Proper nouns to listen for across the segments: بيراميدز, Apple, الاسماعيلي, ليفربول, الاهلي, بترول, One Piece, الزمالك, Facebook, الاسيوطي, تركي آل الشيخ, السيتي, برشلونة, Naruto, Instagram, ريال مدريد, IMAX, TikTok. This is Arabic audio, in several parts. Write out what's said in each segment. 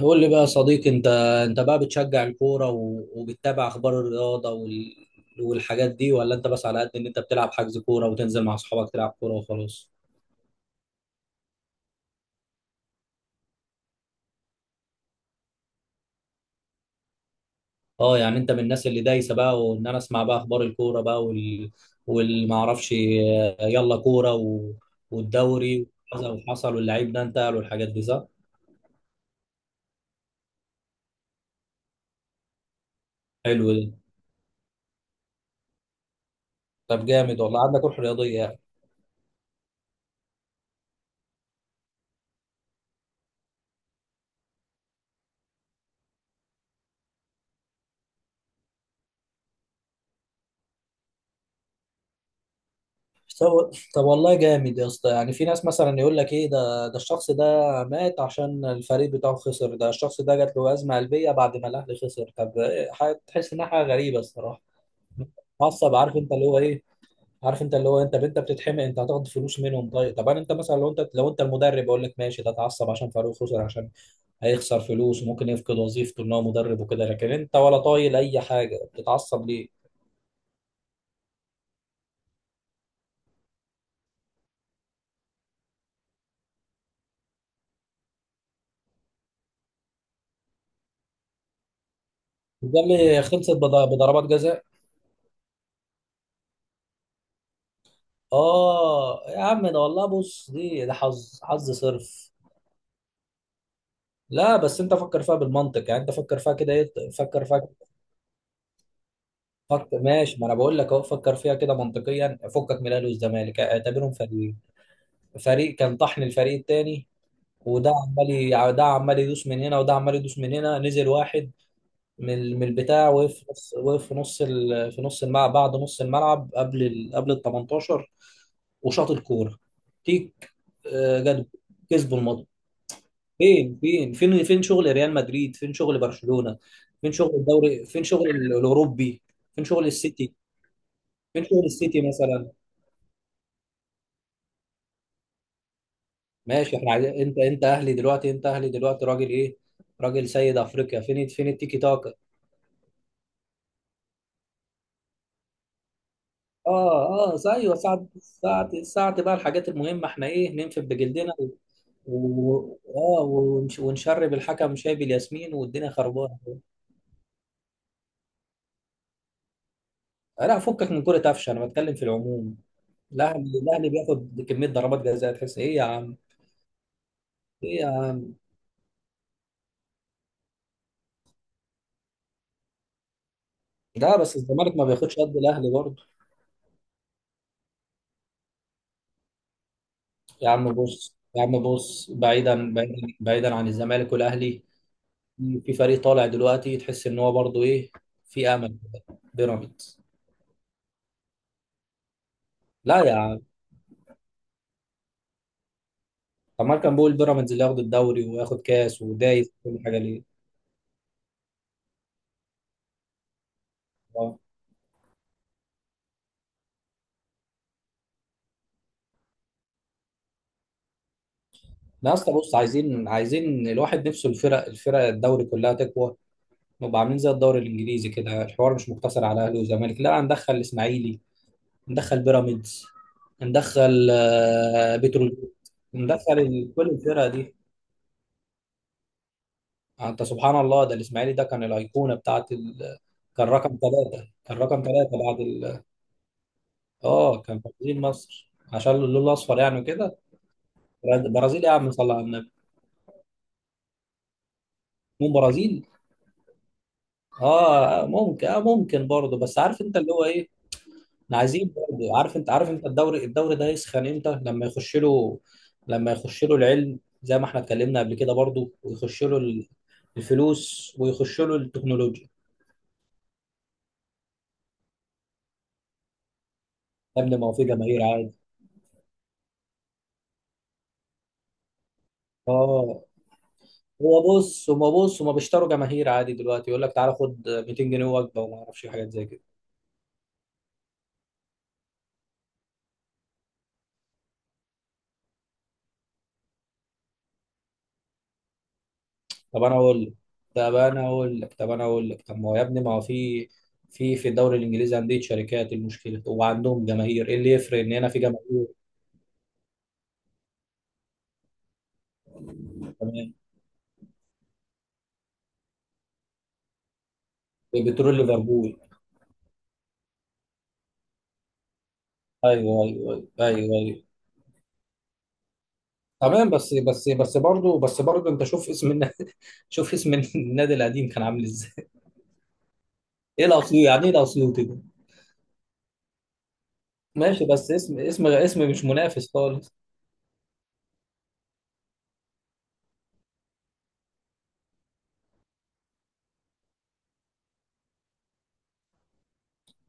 قول لي بقى يا صديقي انت. انت بقى بتشجع الكوره وبتتابع اخبار الرياضه والحاجات دي، ولا انت بس على قد ان انت بتلعب حجز كوره وتنزل مع اصحابك تلعب كوره وخلاص؟ اه، يعني انت من الناس اللي دايسه بقى، وان انا اسمع بقى اخبار الكوره بقى والمعرفش، يلا كوره والدوري وكذا، وحصل واللعيب ده انتقل والحاجات دي، صح؟ حلو ده. طب جامد والله، عندك روح رياضيه يعني. طب والله جامد يا اسطى، يعني في ناس مثلا يقول لك ايه، ده الشخص ده مات عشان الفريق بتاعه خسر، ده الشخص ده جات له ازمه قلبيه بعد ما الاهلي خسر. طب إيه، تحس انها حاجه غريبه الصراحه. معصب، عارف انت اللي هو ايه عارف انت اللي هو انت بتتحمق، انت هتاخد فلوس منهم؟ طيب، طب انا انت مثلا، لو انت المدرب، اقول لك ماشي، ده اتعصب عشان فريقه خسر عشان هيخسر فلوس وممكن يفقد وظيفته ان هو مدرب وكده، لكن انت ولا طايل اي حاجه، بتتعصب ليه؟ ده اللي خلصت بضربات جزاء. اه يا عم، ده والله، بص، ده حظ صرف. لا بس انت فكر فيها بالمنطق، يعني انت فكر فيها كده، ايه، فكر فيها، فكر، ماشي؟ ما انا بقول لك اهو، فكر فيها كده منطقيا، فكك من الاهلي والزمالك، اعتبرهم فريقين. فريق كان طحن الفريق التاني، ده عمال يدوس من هنا وده عمال يدوس من هنا. نزل واحد من البتاع، وقف في نص وقف في نص ال- في نص الملعب، بعد نص الملعب، قبل ال 18 وشاط الكوره. تيك. جت، كسبوا الماتش. فين شغل ريال مدريد؟ فين شغل برشلونة؟ فين شغل الدوري؟ فين شغل الأوروبي؟ فين شغل السيتي؟ فين شغل السيتي مثلا؟ ماشي، احنا عايزين انت اهلي دلوقتي، انت اهلي دلوقتي، راجل سيد افريقيا. فين التيكي تاكا؟ اه اه، ايوه، ساعة ساعة ساعة بقى، الحاجات المهمة احنا ايه، ننفذ بجلدنا و... ونشرب الحكم شاي بالياسمين، والدنيا خربانة. لا، فكك من كرة قفشة، انا بتكلم في العموم. الاهلي بياخد كمية ضربات جزاء، تحس ايه يا عم؟ إيه يا- لا بس الزمالك ما بياخدش قد الاهلي برضه. يا عم بص، بعيدا، بعيدا، بعيدا عن الزمالك والاهلي. في فريق طالع دلوقتي، تحس ان هو برضه ايه؟ في امل. بيراميدز. لا يا عم. طب ما كان بيقول بيراميدز اللي ياخد الدوري وياخد كاس ودايس كل حاجه، ليه؟ آه. لا، اصل بص، عايزين الواحد نفسه، الفرق الدوري كلها تقوى. نبقى عاملين زي الدوري الانجليزي كده، الحوار مش مقتصر على اهلي وزمالك، لا، ندخل الاسماعيلي، ندخل بيراميدز، ندخل بترول، كل الفرقه دي. انت سبحان الله، ده الاسماعيلي ده كان الايقونه بتاعت، كان رقم ثلاثه اه كان في برازيل مصر عشان اللون الاصفر يعني وكده. برازيل يا عم، صلى على النبي. مو برازيل. اه ممكن برضه، بس عارف انت اللي هو ايه. احنا عايزين برضه، عارف انت الدوري ده يسخن امتى؟ لما يخش له، لما يخش له العلم، زي ما احنا اتكلمنا قبل كده برضه، ويخش له الفلوس، ويخش له التكنولوجيا. يا ابني، ما هو في جماهير. اه، بص هما بيشتروا جماهير عادي. دلوقتي يقول لك تعالى خد 200 جنيه وجبه، وما اعرفش إيه، حاجات زي كده. طب انا اقول لك طب انا اقول لك طب انا اقول لك، طب ما هو يا ابني، ما هو في في في الدوري الانجليزي عندي شركات المشكله وعندهم جماهير، ايه اللي يفرق ان هنا في جماهير؟ كمان، بترول ليفربول. ايوه، ايوه، ايوه، ايوه، تمام، بس برضه انت شوف اسم النادي شوف اسم النادي القديم كان عامل ازاي. ايه الاسيوط يعني ايه الاسيوط ده؟ ماشي، بس اسم مش منافس خالص.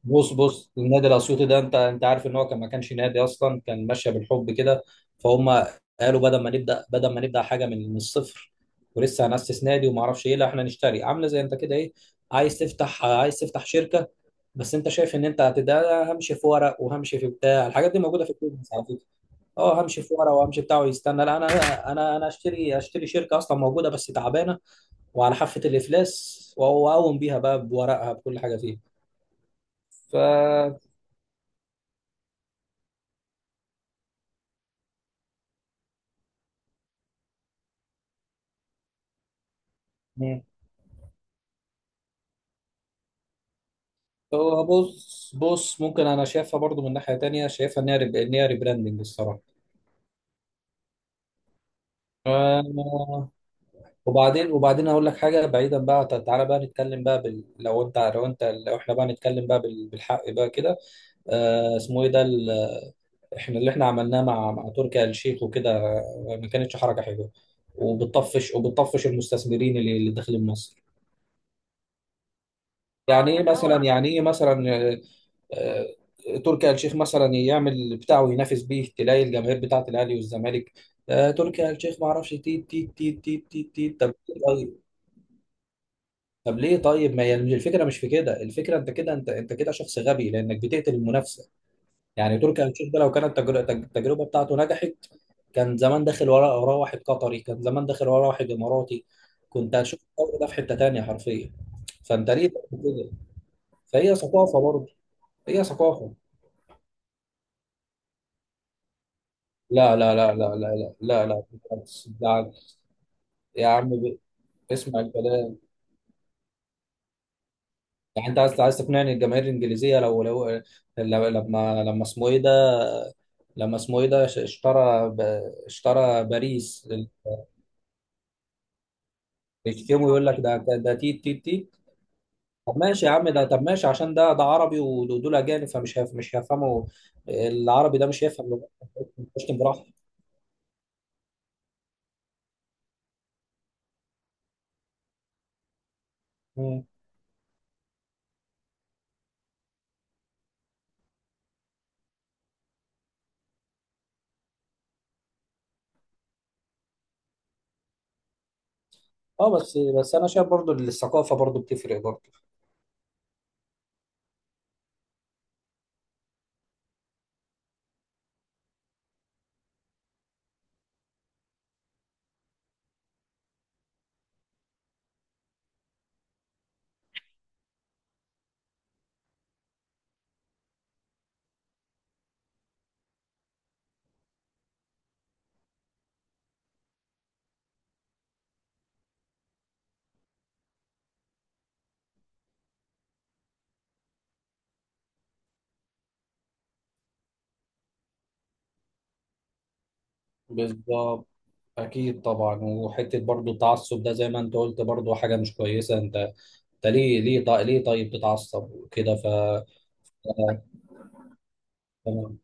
بص بص، النادي الاسيوطي ده، انت عارف ان هو ما كانش نادي اصلا، كان ماشيه بالحب كده فهم. قالوا بدل ما نبدا، حاجه من الصفر، ولسه هنأسس نادي وما اعرفش ايه، لا احنا نشتري، عامله زي انت كده، ايه، عايز تفتح شركه. بس انت شايف ان انت هتبدا همشي في ورق، وهمشي في بتاع، الحاجات دي موجوده في البيزنس على فكره. اه، همشي في ورق، وهمشي بتاع، ويستنى، لا، انا اشتري شركه اصلا موجوده بس تعبانه، وعلى حافه الافلاس، واقوم بيها بقى بورقها بكل حاجه فيها. ف هو بص بص، ممكن انا شايفها برضو من ناحيه تانية، شايفها ان هي ريبراندنج الصراحه. آه، وبعدين اقول لك حاجه، بعيدا بقى، تعالى بقى نتكلم بقى بال... لو انت لو انت لو احنا بقى نتكلم بقى بالحق بقى كده. اسمه ايه ده، احنا اللي عملناه مع تركي آل الشيخ وكده، ما كانتش حركه حلوه، وبتطفش المستثمرين اللي داخلين مصر. يعني ايه مثلا، آه، تركي آل الشيخ مثلا يعمل اللي بتاعه ينافس بيه، تلاقي الجماهير بتاعه الاهلي والزمالك. تركي آل الشيخ ما اعرفش، تيت تيت تيت تيت تيت تيت. طب ليه طيب، ما هي الفكره مش في كده؟ الفكره انت كده شخص غبي لانك بتقتل المنافسه. يعني تركي آل الشيخ ده، لو كانت التجربه بتاعته نجحت، كان زمان داخل وراه واحد قطري، كان زمان داخل وراه واحد اماراتي، كنت هتشوف الدوري ده في حته تانيه حرفيا. فانت ليه تعمل كده؟ فهي ثقافه برضه، هي ثقافه. لا، لا، لا، لا، لا، لا، لا، لا، بالعكس، بالعكس. يا عم، اسمع الكلام. يعني انت عايز تقنعني الجماهير الانجليزيه، لو لو- لما لما اسمه ايه ده، لما اسمه ايه ده، اشترى باريس. يشتموا، يقول لك ده تيت تيت تيت. طب ماشي، عشان ده عربي ودول اجانب، مش هيفهموا، العربي ده مش هيفهم، بيشتم براحته. مم. اه بس انا شايف برضو، الثقافه برضو بتفرق برضو. بالظبط. اكيد طبعا، وحته برضو، التعصب ده زي ما انت قلت برضو حاجه مش كويسه. انت، ليه ليه طيب ليه طيب تتعصب وكده. تمام.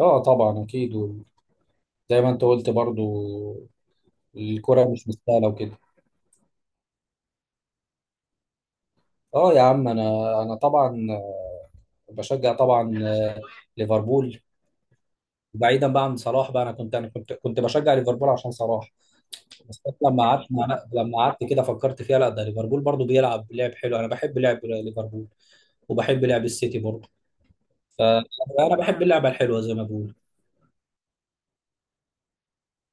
اه طبعا اكيد، وزي ما انت قلت برضو الكرة مش مستاهله وكده. اه يا عم، انا طبعا بشجع طبعا، ليفربول. بعيدا بقى عن صلاح بقى، انا كنت بشجع ليفربول عشان صلاح. بس لما قعدت كده، فكرت فيها، لا، ده ليفربول برضو بيلعب لعب حلو، انا بحب لعب ليفربول، وبحب لعب السيتي برضو، فانا بحب اللعبه الحلوه زي ما بقول.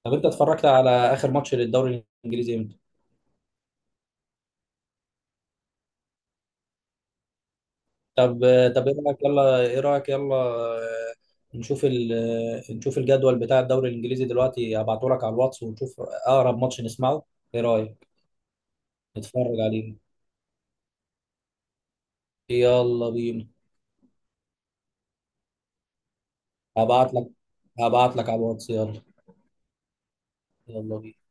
طب انت اتفرجت على اخر ماتش للدوري الانجليزي امتى؟ طب طب ايه رايك يلا، آه، نشوف ال... نشوف الجدول بتاع الدوري الانجليزي دلوقتي، ابعته لك على الواتس ونشوف اقرب ماتش نسمعه، ايه رايك، نتفرج عليه. يلا بينا. هبعت لك هبعت لك على الواتس. يلا، يلا بينا.